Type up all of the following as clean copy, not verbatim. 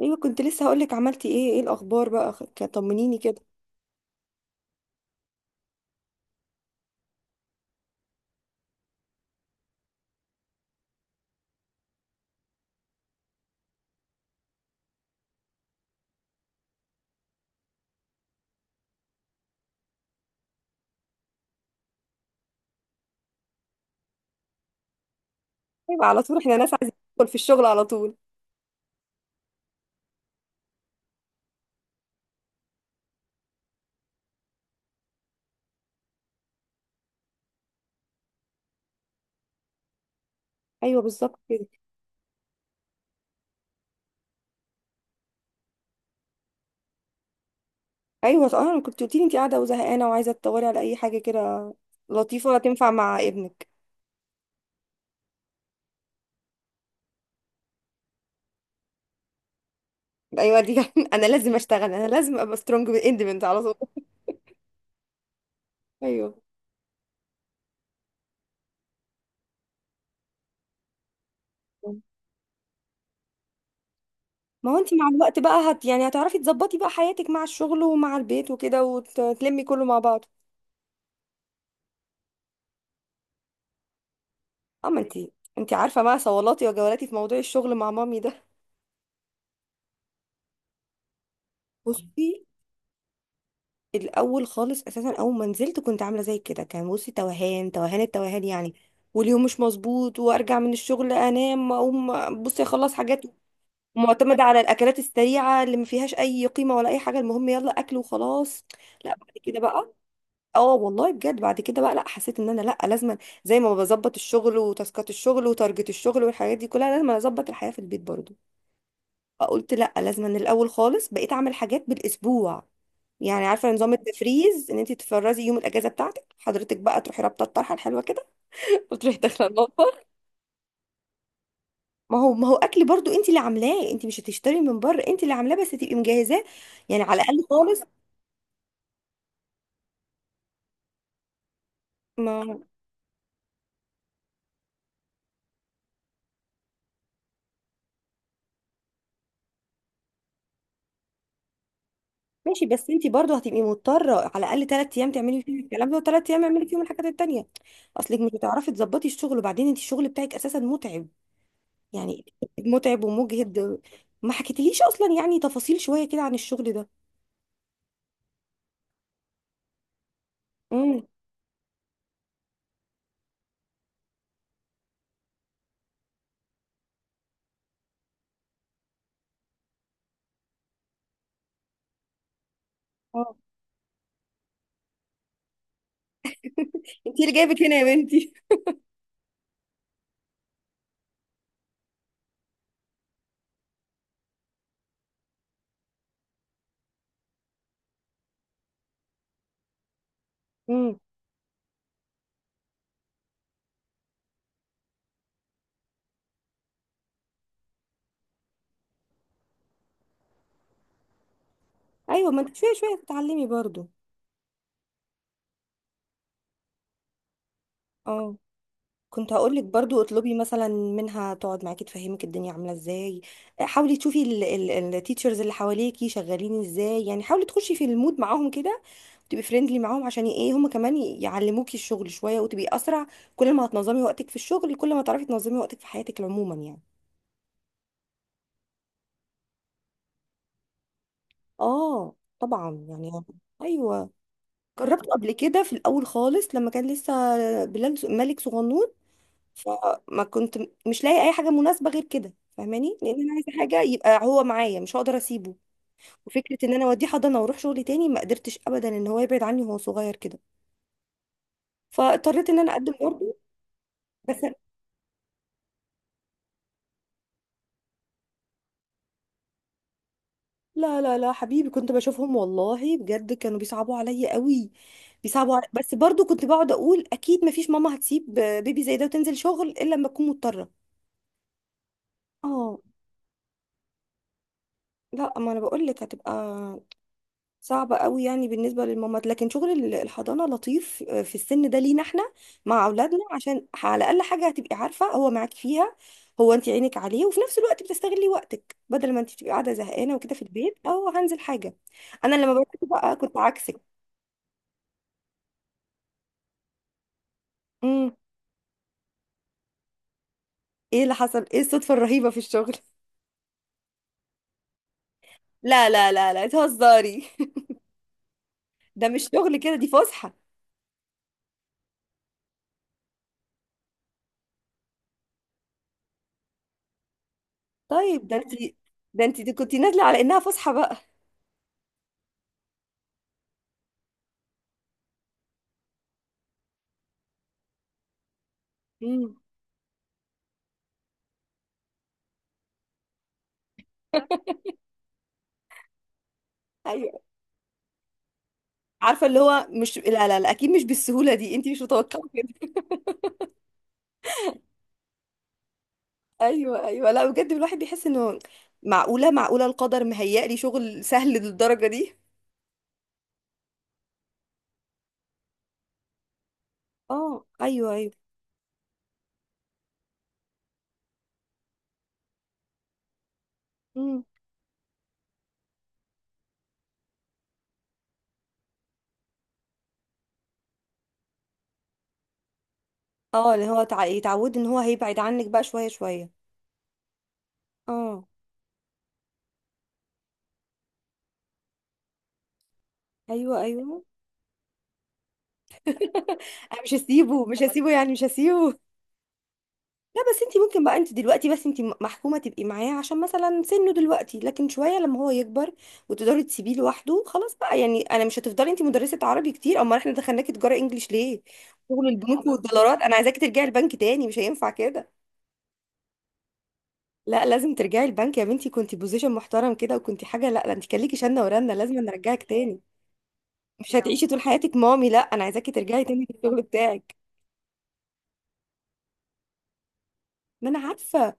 ايوه، كنت لسه هقولك عملتي ايه؟ ايه الاخبار بقى؟ طمنيني كده. يبقى على طول، احنا ناس عايزين ندخل في الشغل على طول. ايوه بالظبط كده. ايوه صح. انا كنت قلتيلي انت قاعده وزهقانه وعايزه تدوري على اي حاجه كده لطيفه تنفع مع ابنك. ايوه دي انا لازم اشتغل، انا لازم ابقى سترونج اندبندنت على طول. ايوه، ما هو انت مع الوقت بقى هت يعني هتعرفي تظبطي بقى حياتك مع الشغل ومع البيت وكده وتلمي كله مع بعض. اما انت، انت عارفه بقى صولاتي وجولاتي في موضوع الشغل مع مامي ده. بصي، الاول خالص اساسا اول ما نزلت كنت عامله زي كده، كان بصي توهان توهان التوهان يعني. واليوم مش مظبوط، وارجع من الشغل انام اقوم. بصي اخلص حاجات معتمده على الاكلات السريعه اللي ما فيهاش اي قيمه ولا اي حاجه، المهم يلا اكل وخلاص. لا بعد كده بقى، اه والله بجد بعد كده بقى لا، حسيت ان انا لا لازم زي ما بظبط الشغل وتاسكات الشغل وتارجت الشغل والحاجات دي كلها، لازم اظبط الحياه في البيت برضو. قلت لا، لازم من الاول خالص بقيت اعمل حاجات بالاسبوع. يعني عارفه نظام التفريز، ان انت تفرزي يوم الاجازه بتاعتك حضرتك بقى تروحي رابطه الطرحه الحلوه كده وتروحي داخله المطبخ. ما هو اكل برضو انت اللي عاملاه، انت مش هتشتري من بره، انت اللي عاملاه بس تبقي مجهزاه يعني، على الاقل خالص. ما ماشي، بس انت برضو هتبقي مضطره على الاقل 3 ايام تعملي فيهم الكلام ده، وثلاث ايام اعملي فيهم الحاجات التانيه. اصلك مش هتعرفي تظبطي الشغل، وبعدين انت الشغل بتاعك اساسا متعب، يعني متعب ومجهد. ما حكيتليش اصلا يعني تفاصيل شويه كده عن الشغل ده. امم اه، انت اللي جايبك هنا يا بنتي. امم ايوه، ما انت شويه شويه تتعلمي برضو. اه، كنت هقول لك برضو اطلبي مثلا منها تقعد معاكي تفهمك الدنيا عامله ازاي. حاولي تشوفي التيتشرز اللي حواليكي شغالين ازاي، يعني حاولي تخشي في المود معاهم كده، تبقي فريندلي معاهم عشان ايه هم كمان يعلموكي الشغل شويه وتبقي اسرع. كل ما هتنظمي وقتك في الشغل كل ما تعرفي تنظمي وقتك في حياتك عموما يعني. اه طبعا يعني. ايوه. جربته قبل كده في الاول خالص لما كان لسه ملك صغنون. فما كنت مش لاقي اي حاجه مناسبه غير كده، فاهماني؟ لان انا عايزه حاجه يبقى هو معايا، مش هقدر اسيبه. وفكره ان انا اوديه حضانه واروح شغل تاني ما قدرتش ابدا ان هو يبعد عني وهو صغير كده، فاضطريت ان انا اقدم برضه. بس لا لا لا حبيبي، كنت بشوفهم والله بجد كانوا بيصعبوا عليا قوي. بس برضو كنت بقعد اقول اكيد ما فيش ماما هتسيب بيبي زي ده وتنزل شغل الا لما تكون مضطره. اه لا، ما انا بقول لك هتبقى صعب قوي يعني بالنسبه للمامات، لكن شغل الحضانه لطيف. في السن ده لينا احنا مع اولادنا، عشان على الاقل حاجه هتبقي عارفه هو معاك فيها، هو انت عينك عليه وفي نفس الوقت بتستغلي وقتك بدل ما انت تبقي قاعده زهقانه وكده في البيت. او هنزل حاجه. انا لما بدات بقى كنت عكسك. امم ايه اللي حصل؟ ايه الصدفه الرهيبه في الشغل؟ لا لا لا لا تهزري ده مش شغل كده، دي فسحه. طيب ده انت، ده انت كنت نازله على انها فسحه بقى. امم عارفه اللي هو مش، لا لا لا اكيد مش بالسهوله دي، انت مش متوقعه كده. ايوه ايوه، لا بجد الواحد بيحس انه معقوله، معقوله القدر مهيأ لي شغل سهل للدرجه دي. اه ايوه ايوه. امم اه، اللي هو يتعود ان هو هيبعد عنك بقى شويه شويه. اه ايوه ايوه. انا مش هسيبه، مش هسيبه يعني مش هسيبه. لا بس انت ممكن بقى، انت دلوقتي بس انت محكومه تبقي معاه عشان مثلا سنه دلوقتي، لكن شويه لما هو يكبر وتقدري تسيبيه لوحده خلاص بقى يعني. انا مش هتفضلي انت مدرسه عربي كتير، امال احنا دخلناكي تجاره انجليش ليه؟ شغل البنوك والدولارات، انا عايزاكي ترجعي البنك تاني، مش هينفع كده. لا لازم ترجعي البنك يا بنتي، كنتي بوزيشن محترم كده وكنتي حاجه، لا ده انت كان ليكي شنه ورنه، لازم نرجعك تاني. مش هتعيشي طول حياتك مامي، لا انا عايزاكي ترجعي تاني للشغل بتاعك. ما انا عارفه،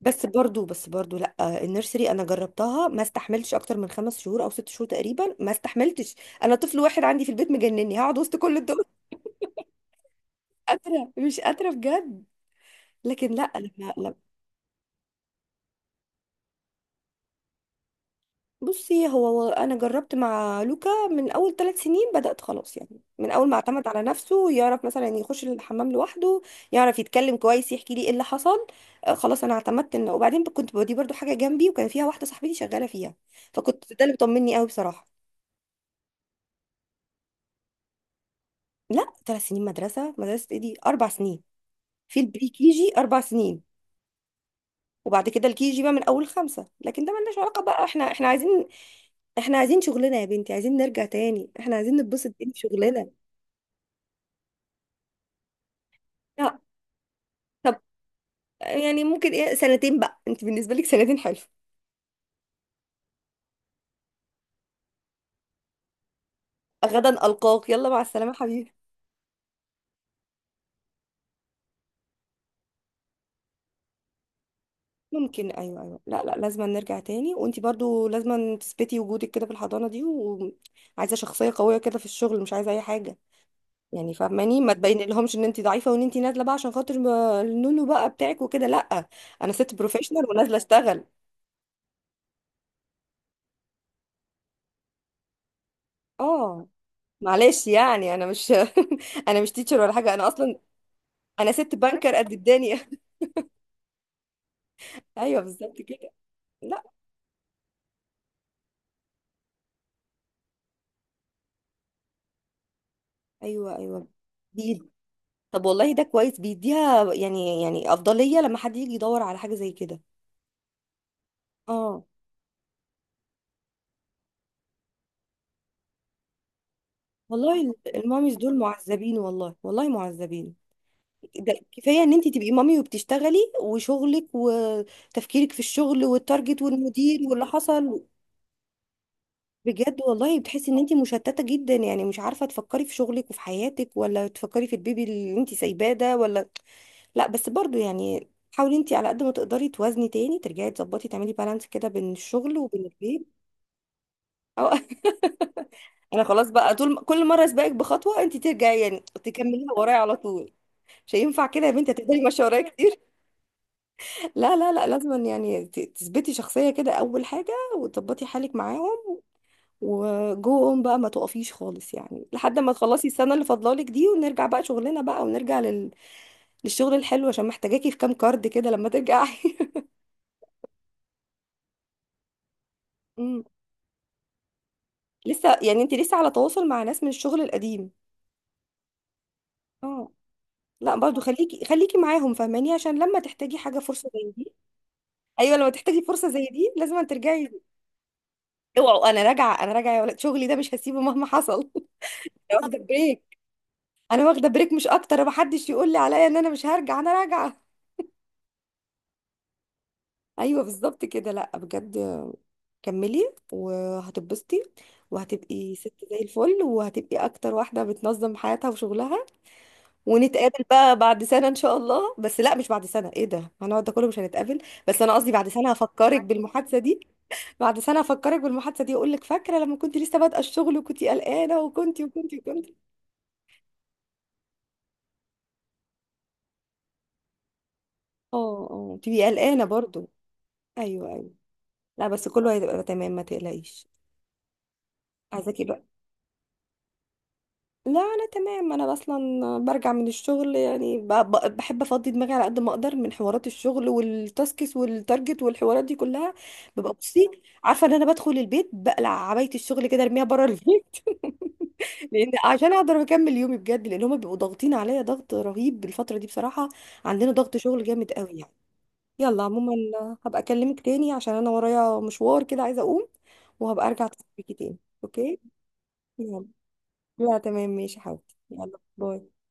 بس برضو بس برضو لا، النيرسري انا جربتها، ما استحملتش اكتر من 5 شهور او 6 شهور تقريبا، ما استحملتش. انا طفل واحد عندي في البيت مجنني، هقعد وسط كل دول؟ مش قادره مش قادره بجد. لكن لا، لما بصي، هو هو انا جربت مع لوكا من اول 3 سنين بدات خلاص، يعني من اول ما اعتمد على نفسه، يعرف مثلا يخش الحمام لوحده، يعرف يتكلم كويس، يحكي لي ايه اللي حصل. خلاص انا اعتمدت انه، وبعدين كنت بوديه برضو حاجه جنبي وكان فيها واحده صاحبتي شغاله فيها، فكنت ده اللي بيطمني قوي بصراحه. لا، 3 سنين مدرسة؟ مدرسة ايه دي، 4 سنين. في البري كي جي 4 سنين. وبعد كده الكي جي بقى من أول خمسة، لكن ده ملناش علاقة بقى، احنا احنا عايزين شغلنا يا بنتي، عايزين نرجع تاني، احنا عايزين نتبسط تاني في شغلنا. لا. طب يعني ممكن ايه، سنتين بقى، انت بالنسبة لك سنتين حلو. غدا ألقاك، يلا مع السلامة حبيبي. ممكن، ايوه ايوه، لا لا لازم نرجع تاني، وانت برضو لازم تثبتي وجودك كده في الحضانة دي، وعايزة شخصية قوية كده في الشغل، مش عايزة اي حاجة يعني فاهماني؟ ما تبين لهمش ان انت ضعيفه وان انت نازله بقى عشان خاطر النونو بقى بتاعك وكده، لا، انا ست بروفيشنال ونازله اشتغل. اه، معلش يعني انا مش انا مش تيتشر ولا حاجه انا اصلا، انا ست بنكر قد الدنيا ايوه بالظبط كده. لا. ايوه ايوه، بي- طب والله ده كويس، بيديها يعني يعني افضليه لما حد يجي يدور على حاجه زي كده. اه والله الماميز دول معذبين والله والله معذبين. ده كفايه ان انت تبقي مامي وبتشتغلي وشغلك وتفكيرك في الشغل والتارجت والمدير واللي حصل. بجد والله بتحسي ان انت مشتته جدا يعني، مش عارفه تفكري في شغلك وفي حياتك ولا تفكري في البيبي اللي انت سايباه ده، ولا لا بس برضو يعني حاولي انت على قد ما تقدري توازني تاني، ترجعي تظبطي، تعملي بالانس كده بين الشغل وبين البيت. أو انا خلاص بقى طول كل مره اسبقك بخطوه، انت ترجعي يعني تكمليها ورايا على طول، مش هينفع كده يا بنتي، هتفضلي ماشيه ورايا كتير. لا لا لا لازم يعني تثبتي شخصية كده أول حاجة، وتظبطي حالك معاهم، وجوهم بقى ما تقفيش خالص، يعني لحد ما تخلصي السنة اللي فاضلالك دي ونرجع بقى شغلنا بقى، ونرجع للشغل الحلو، عشان محتاجاكي في كام كارد كده لما ترجعي مم. لسه يعني انت لسه على تواصل مع ناس من الشغل القديم؟ اه لا برضو خليكي معاهم فاهماني، عشان لما تحتاجي حاجة فرصة زي دي، ايوه، لما تحتاجي فرصة زي دي لازم ترجعي. اوعوا، انا راجعة، انا راجعة يا ولد، شغلي ده مش هسيبه مهما حصل. واخدة بريك، انا واخده بريك مش اكتر، محدش يقول لي عليا ان انا مش هرجع، انا راجعه. ايوه بالظبط كده، لا بجد كملي وهتتبسطي، وهتبقي ست زي الفل، وهتبقي اكتر واحده بتنظم حياتها وشغلها. ونتقابل بقى بعد سنه ان شاء الله، بس لا مش بعد سنه، ايه ده هنقعد ده كله مش هنتقابل، بس انا قصدي بعد سنه هفكرك بالمحادثه دي. بعد سنه هفكرك بالمحادثه دي، اقول لك فاكره لما كنت لسه بادئه الشغل وكنتي قلقانه وكنتي وكنتي وكنتي. اه اه تبقي قلقانه برضو. ايوه ايوه. لا بس كله هيبقى تمام ما تقلقيش. عايزاكي بقى، لا انا تمام، انا اصلا برجع من الشغل يعني بحب افضي دماغي على قد ما اقدر من حوارات الشغل والتاسكس والتارجت والحوارات دي كلها. ببقى بصي عارفه ان انا بدخل البيت بقلع عبايه الشغل كده ارميها بره البيت لان عشان اقدر اكمل يومي بجد، لان هما بيبقوا ضاغطين عليا ضغط رهيب الفتره دي بصراحه، عندنا ضغط شغل جامد قوي يعني. يلا عموما هبقى اكلمك تاني عشان انا ورايا مشوار كده عايزه اقوم، وهبقى ارجع اتصل بيكي تاني. اوكي يلا. لا تمام ماشي حاضر. يلا باي.